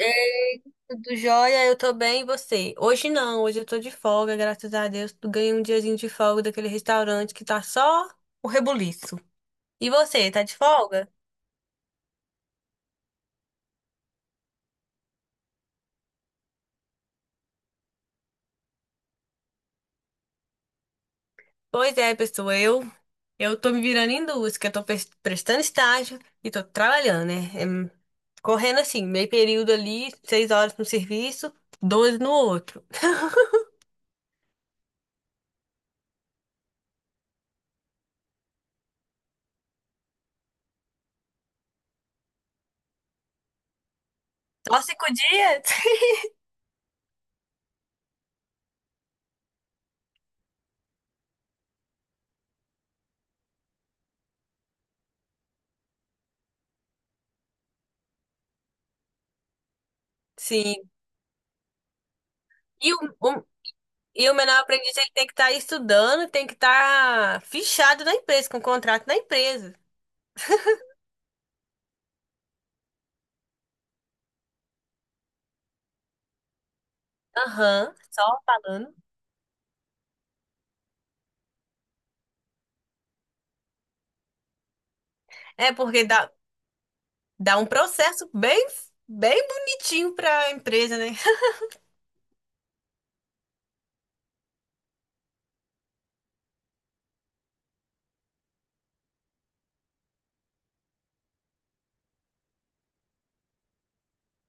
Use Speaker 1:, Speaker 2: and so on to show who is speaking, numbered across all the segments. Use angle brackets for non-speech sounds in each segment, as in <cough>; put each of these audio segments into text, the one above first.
Speaker 1: É, Tudo jóia, eu tô bem, e você? Hoje não, hoje eu tô de folga, graças a Deus. Tu ganhei um diazinho de folga daquele restaurante que tá só o rebuliço. E você, tá de folga? Pois é, pessoa, eu tô me virando em duas, que eu tô prestando estágio e tô trabalhando, né? É, hum, correndo assim, meio período ali, 6 horas no serviço, 12 no outro. Só 5 dias? <laughs> Sim. E o, E o menor aprendiz ele tem que estar estudando, tem que estar fichado na empresa, com contrato na empresa. Aham, só falando. É porque dá um processo bem bonitinho para a empresa, né?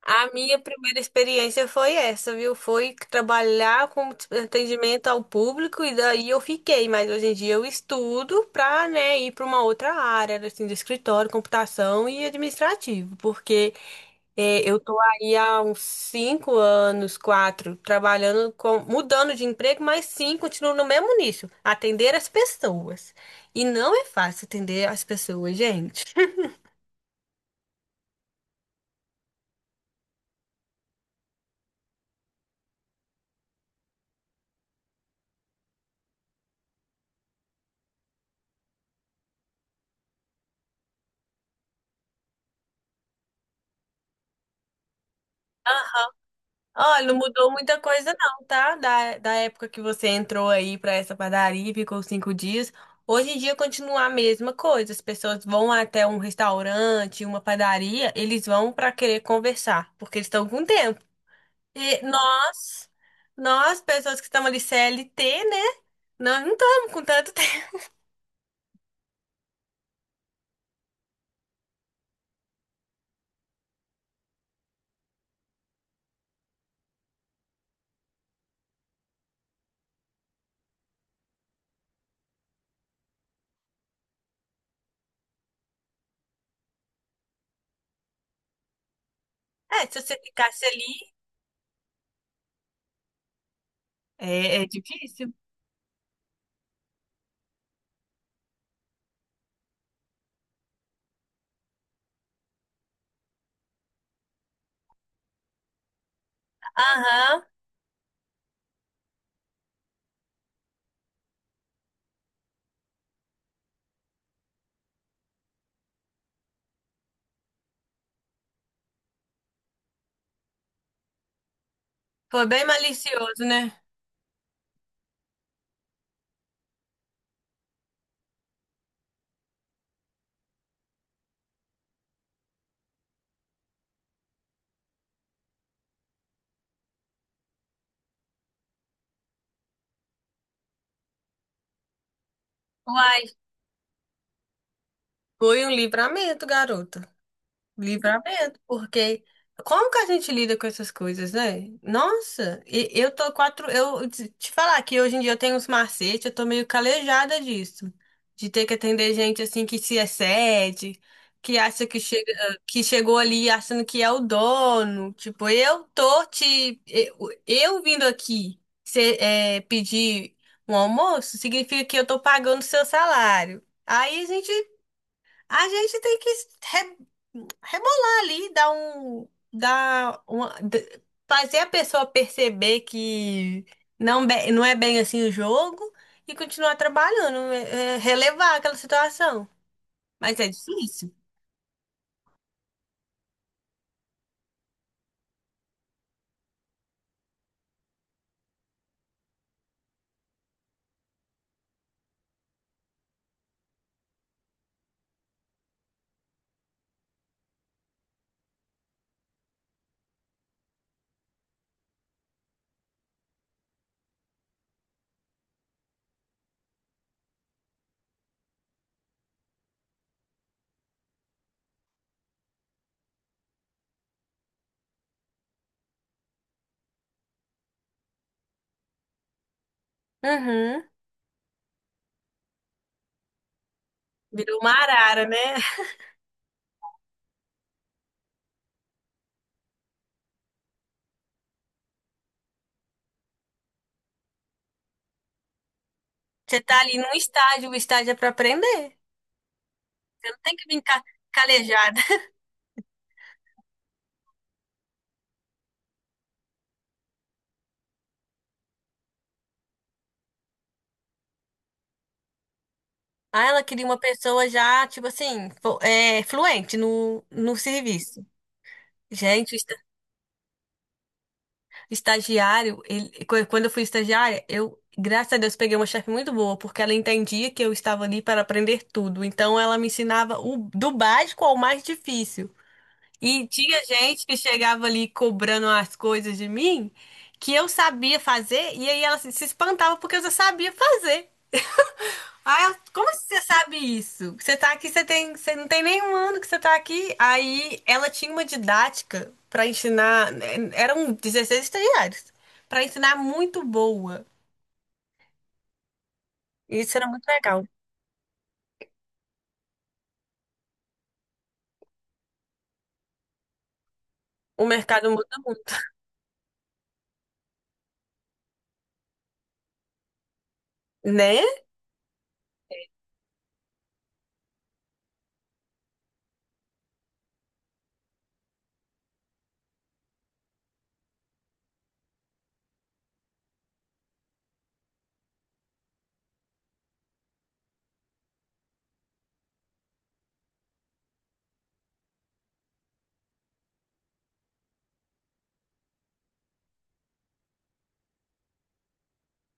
Speaker 1: A minha primeira experiência foi essa, viu? Foi trabalhar com atendimento ao público e daí eu fiquei, mas hoje em dia eu estudo para, né, ir para uma outra área, assim, de escritório, computação e administrativo, porque é, eu tô aí há uns 5 anos, quatro, trabalhando com, mudando de emprego, mas sim, continuo no mesmo nicho, atender as pessoas. E não é fácil atender as pessoas, gente. <laughs> Olha, não mudou muita coisa não, tá? Da época que você entrou aí pra essa padaria e ficou 5 dias. Hoje em dia continua a mesma coisa. As pessoas vão até um restaurante, uma padaria, eles vão pra querer conversar, porque eles estão com tempo. E nós, pessoas que estamos ali CLT, né? Nós não estamos com tanto <laughs> tempo. É, se você ficasse ali, é difícil. Aham, foi bem malicioso, né? Uai, foi um livramento, garoto. Livramento, porque como que a gente lida com essas coisas, né? Nossa, eu tô quatro. Eu te falar que hoje em dia eu tenho uns macetes, eu tô meio calejada disso. De ter que atender gente assim que se excede, que acha que chega, que chegou ali achando que é o dono. Tipo, eu tô te. Eu vindo aqui é, pedir um almoço significa que eu tô pagando seu salário. Aí a gente tem que re- rebolar ali, dar um, dar uma, fazer a pessoa perceber que não, não é bem assim o jogo e continuar trabalhando, é relevar aquela situação. Mas é difícil. Uhum. Virou uma arara, né? Você tá ali num estágio, o estágio é pra aprender. Você não tem que vir calejada. Ah, ela queria uma pessoa já, tipo assim, é, fluente no, no serviço. Gente, estagiário, quando eu fui estagiária, eu, graças a Deus, peguei uma chefe muito boa, porque ela entendia que eu estava ali para aprender tudo. Então, ela me ensinava o, do básico ao mais difícil. E tinha gente que chegava ali cobrando as coisas de mim que eu sabia fazer, e aí ela se espantava porque eu já sabia fazer. Ah, como você sabe isso? Você tá aqui, você tem, você não tem nenhum ano que você tá aqui. Aí ela tinha uma didática pra ensinar, né, eram 16 estagiários, pra ensinar muito boa. Isso era muito legal. O mercado muda muito, né?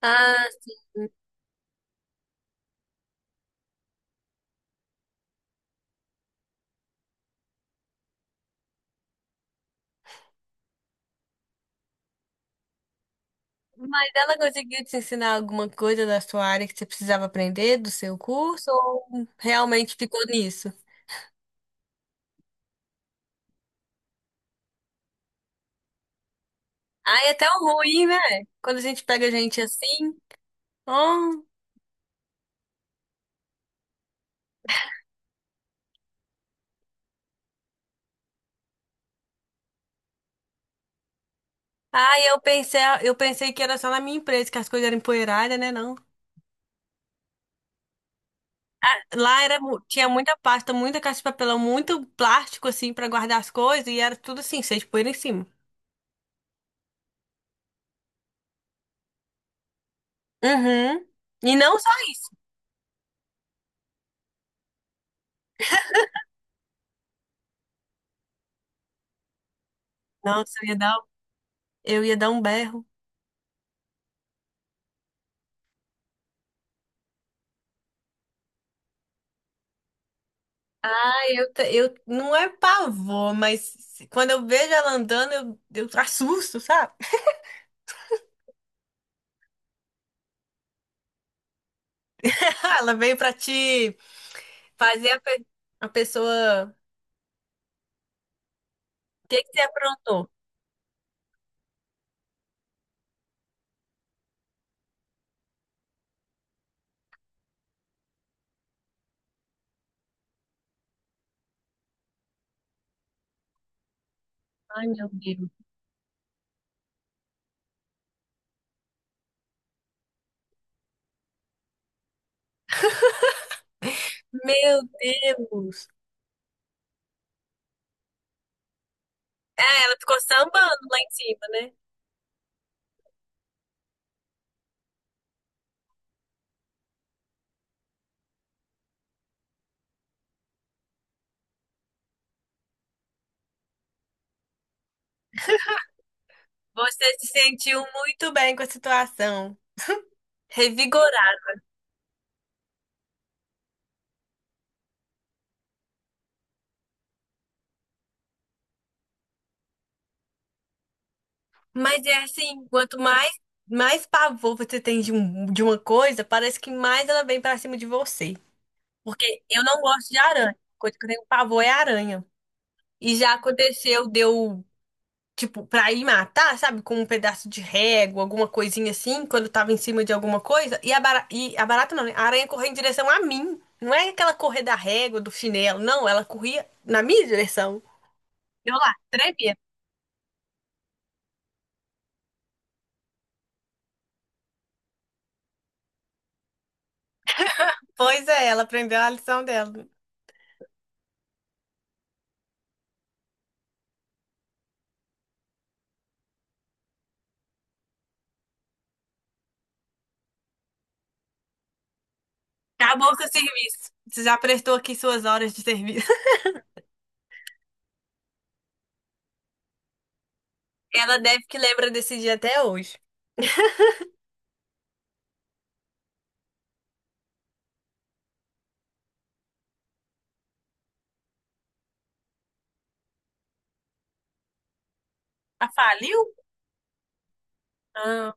Speaker 1: Ah, mas ela conseguiu te ensinar alguma coisa da sua área que você precisava aprender do seu curso ou realmente ficou nisso? Ah, é tão ruim, né? Quando a gente pega gente assim, oh. Ah, eu pensei que era só na minha empresa que as coisas eram empoeiradas, né? Não. Lá era, tinha muita pasta, muita caixa de papelão, muito plástico, assim, pra guardar as coisas, e era tudo assim, cheio de poeira em cima. Uhum. E não só isso. Nossa, eu ia dar um berro. Ah, eu não é pavor, mas quando eu vejo ela andando, eu assusto, sabe? <laughs> Ela veio pra te fazer a pessoa. O que que você aprontou? Meu Deus! É, ela ficou sambando lá em cima, né? Você se sentiu muito bem com a situação, revigorado. Mas é assim, quanto mais mais pavor você tem de, um, de uma coisa, parece que mais ela vem pra cima de você. Porque eu não gosto de aranha. A coisa que eu tenho pavor é aranha. E já aconteceu, deu tipo, pra ir matar, sabe? Com um pedaço de régua, alguma coisinha assim, quando tava em cima de alguma coisa. E a barata não, né? A aranha correu em direção a mim. Não é aquela correr da régua, do chinelo, não. Ela corria na minha direção. Eu lá, tremendo. Pois é, ela aprendeu a lição dela. Acabou seu serviço. Você já prestou aqui suas horas de serviço. <laughs> Ela deve que lembra desse dia até hoje. Ah, faliu? Ah,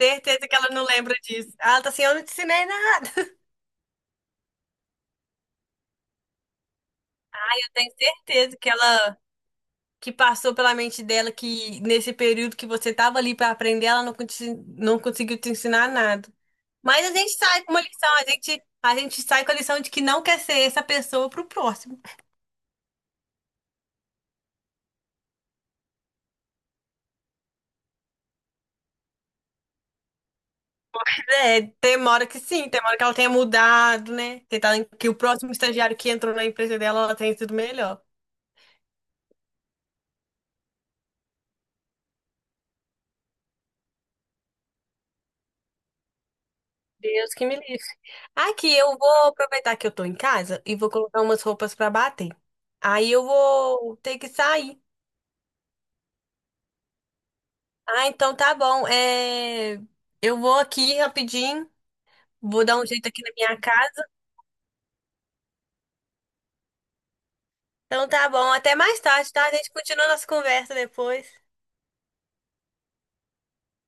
Speaker 1: certeza que ela não lembra disso. Ela tá assim, eu não te ensinei nada. <laughs> Eu tenho certeza que ela que passou pela mente dela que nesse período que você estava ali para aprender, ela não, conti- não conseguiu te ensinar nada. Mas a gente sai com uma lição, a gente sai com a lição de que não quer ser essa pessoa pro próximo. É, tem uma hora que sim, tem uma hora que ela tenha mudado, né? Tem que o próximo estagiário que entrou na empresa dela, ela tenha sido melhor. Deus que me livre. Aqui, eu vou aproveitar que eu tô em casa e vou colocar umas roupas para bater. Aí eu vou ter que sair. Ah, então tá bom. É, eu vou aqui rapidinho, vou dar um jeito aqui na minha casa. Então tá bom, até mais tarde, tá? A gente continua nossa conversa depois.